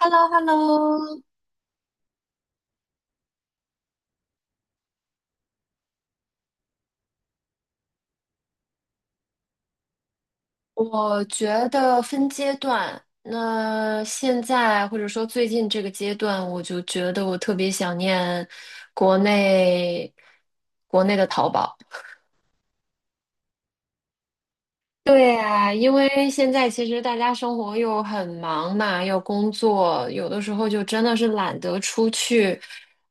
h e l l o h e l l o 我觉得分阶段。那现在或者说最近这个阶段，我就觉得我特别想念国内国内的淘宝。对呀，因为现在其实大家生活又很忙嘛，又工作，有的时候就真的是懒得出去，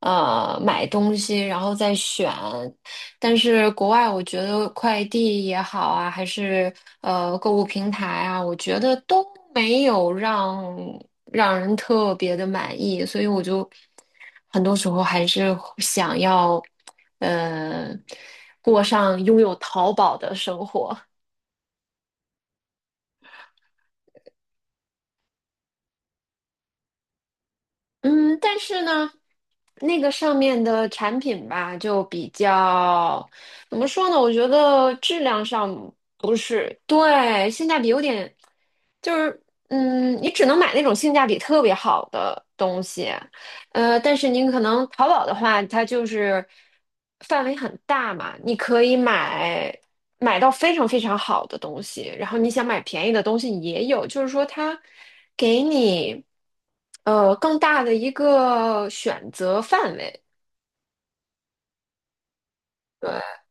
买东西，然后再选。但是国外，我觉得快递也好啊，还是购物平台啊，我觉得都没有让人特别的满意，所以我就很多时候还是想要，呃，过上拥有淘宝的生活。嗯，但是呢，那个上面的产品吧，就比较，怎么说呢？我觉得质量上不是，对，性价比有点，就是，你只能买那种性价比特别好的东西，但是您可能淘宝的话，它就是范围很大嘛，你可以买。买到非常非常好的东西，然后你想买便宜的东西也有，就是说它给你更大的一个选择范围。对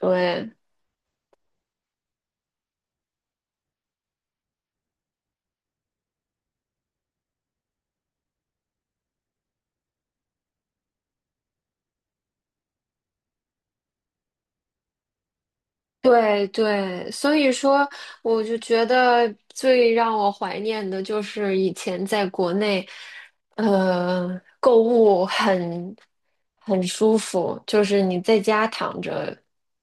对。对对，所以说，我就觉得最让我怀念的就是以前在国内，购物很舒服，就是你在家躺着，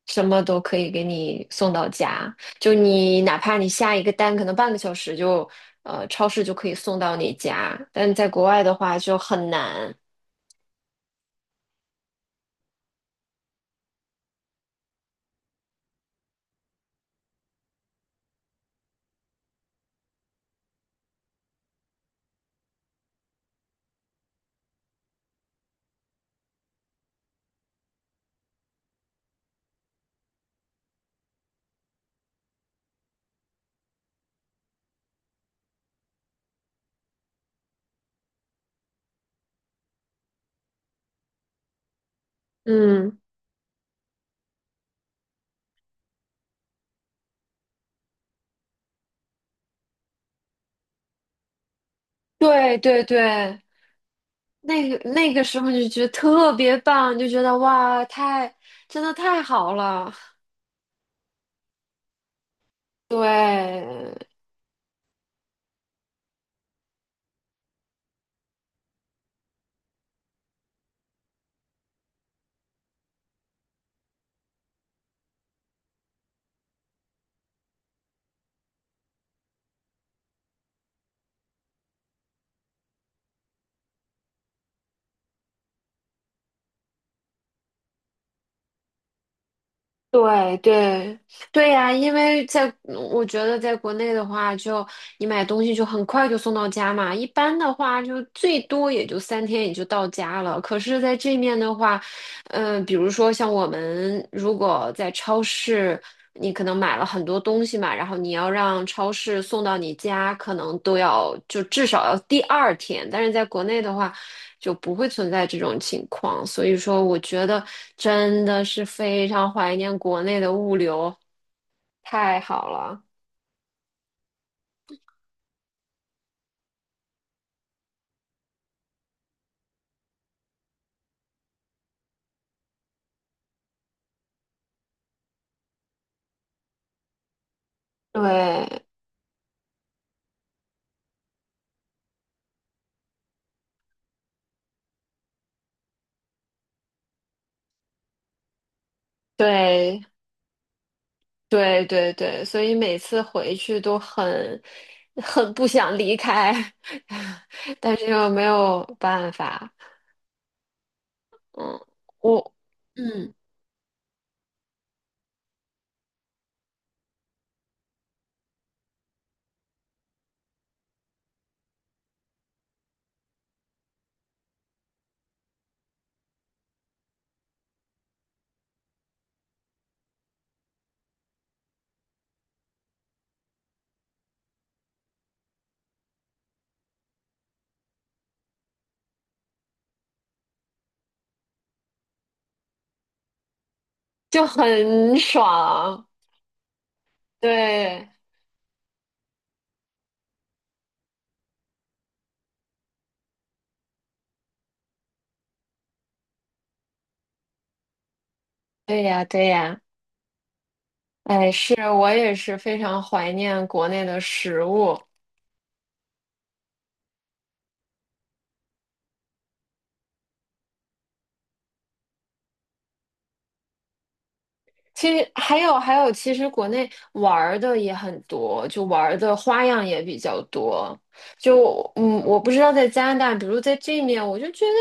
什么都可以给你送到家，就你哪怕你下一个单，可能半个小时就，超市就可以送到你家，但在国外的话就很难。嗯，对对对，那个时候就觉得特别棒，就觉得哇，真的太好了。对对对对呀，因为我觉得在国内的话就，你买东西就很快就送到家嘛，一般的话就最多也就3天也就到家了。可是在这面的话，比如说像我们如果在超市，你可能买了很多东西嘛，然后你要让超市送到你家，可能都要就至少要第二天。但是在国内的话，就不会存在这种情况。所以说，我觉得真的是非常怀念国内的物流，太好了。对对，对对对，所以每次回去都很不想离开，但是又没有办法。嗯，我嗯，就很爽。对，对呀，对呀。哎，是我也是非常怀念国内的食物。其实还有，其实国内玩儿的也很多，就玩儿的花样也比较多。我不知道在加拿大，比如在这面，我就觉得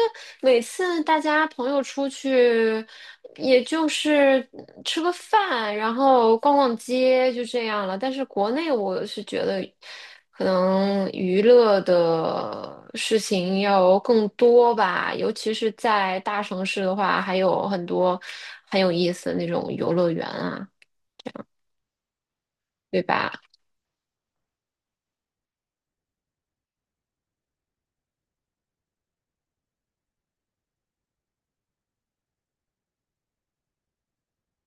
每次大家朋友出去，也就是吃个饭，然后逛逛街，就这样了。但是国内，我是觉得可能娱乐的事情要更多吧，尤其是在大城市的话，还有很多很有意思的那种游乐园啊，对吧？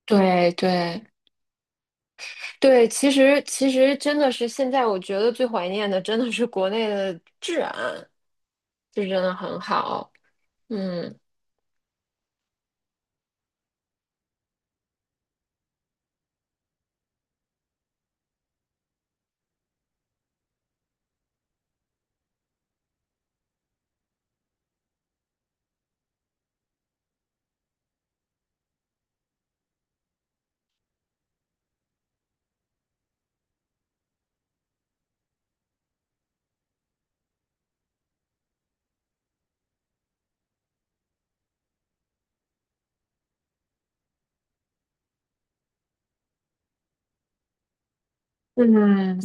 对对，对，其实真的是现在我觉得最怀念的真的是国内的治安，就真的很好。嗯嗯，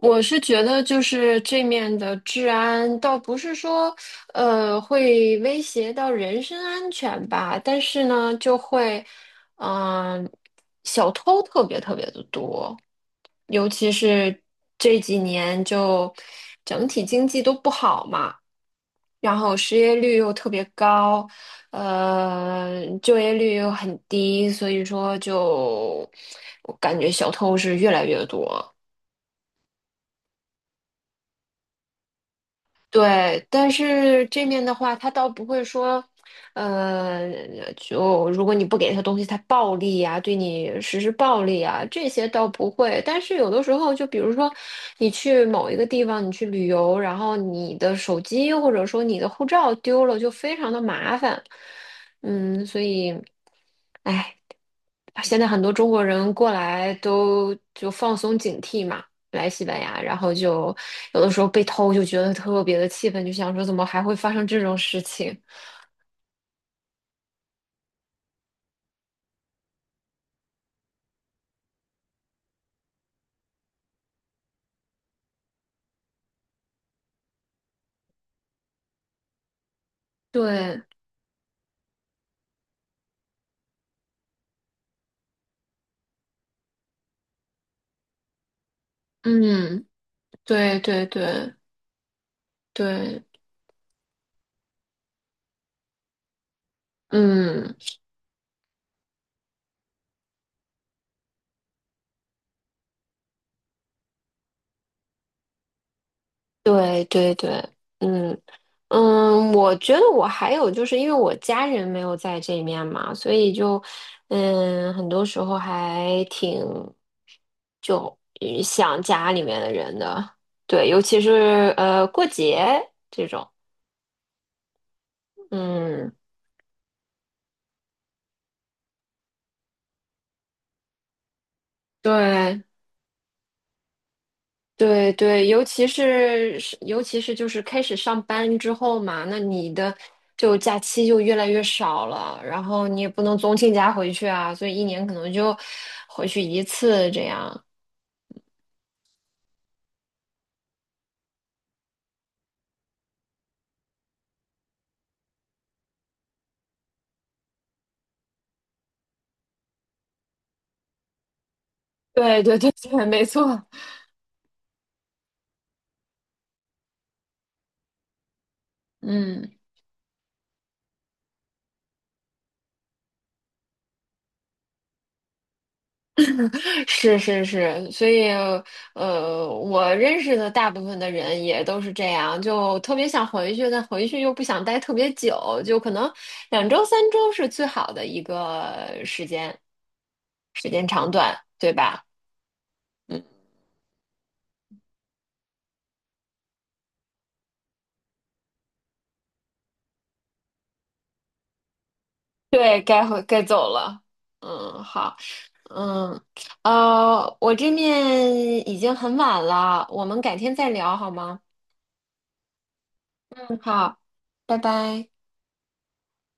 我是觉得就是这面的治安倒不是说会威胁到人身安全吧，但是呢就会嗯、小偷特别特别的多。尤其是这几年就整体经济都不好嘛，然后失业率又特别高，就业率又很低，所以说就我感觉小偷是越来越多。对，但是这面的话，他倒不会说，呃，就如果你不给他东西，他暴力呀、对你实施暴力啊，这些倒不会。但是有的时候，就比如说你去某一个地方，你去旅游，然后你的手机或者说你的护照丢了，就非常的麻烦。嗯，所以，哎，现在很多中国人过来都就放松警惕嘛。来西班牙，然后就有的时候被偷，就觉得特别的气愤，就想说怎么还会发生这种事情？对，嗯，对对对对，嗯，对对对，嗯嗯，我觉得我还有就是因为我家人没有在这面嘛，所以很多时候还挺想家里面的人的，对，尤其是过节这种，嗯，对。对对，尤其是就是开始上班之后嘛，那你的就假期就越来越少了，然后你也不能总请假回去啊，所以一年可能就回去一次这样。对对对对，没错，嗯，是是是，所以我认识的大部分的人也都是这样，就特别想回去，但回去又不想待特别久，就可能2周3周是最好的一个时间。时间长短，对吧？嗯，对，该走了。嗯，好，嗯，我这面已经很晚了，我们改天再聊好吗？嗯，好，拜拜。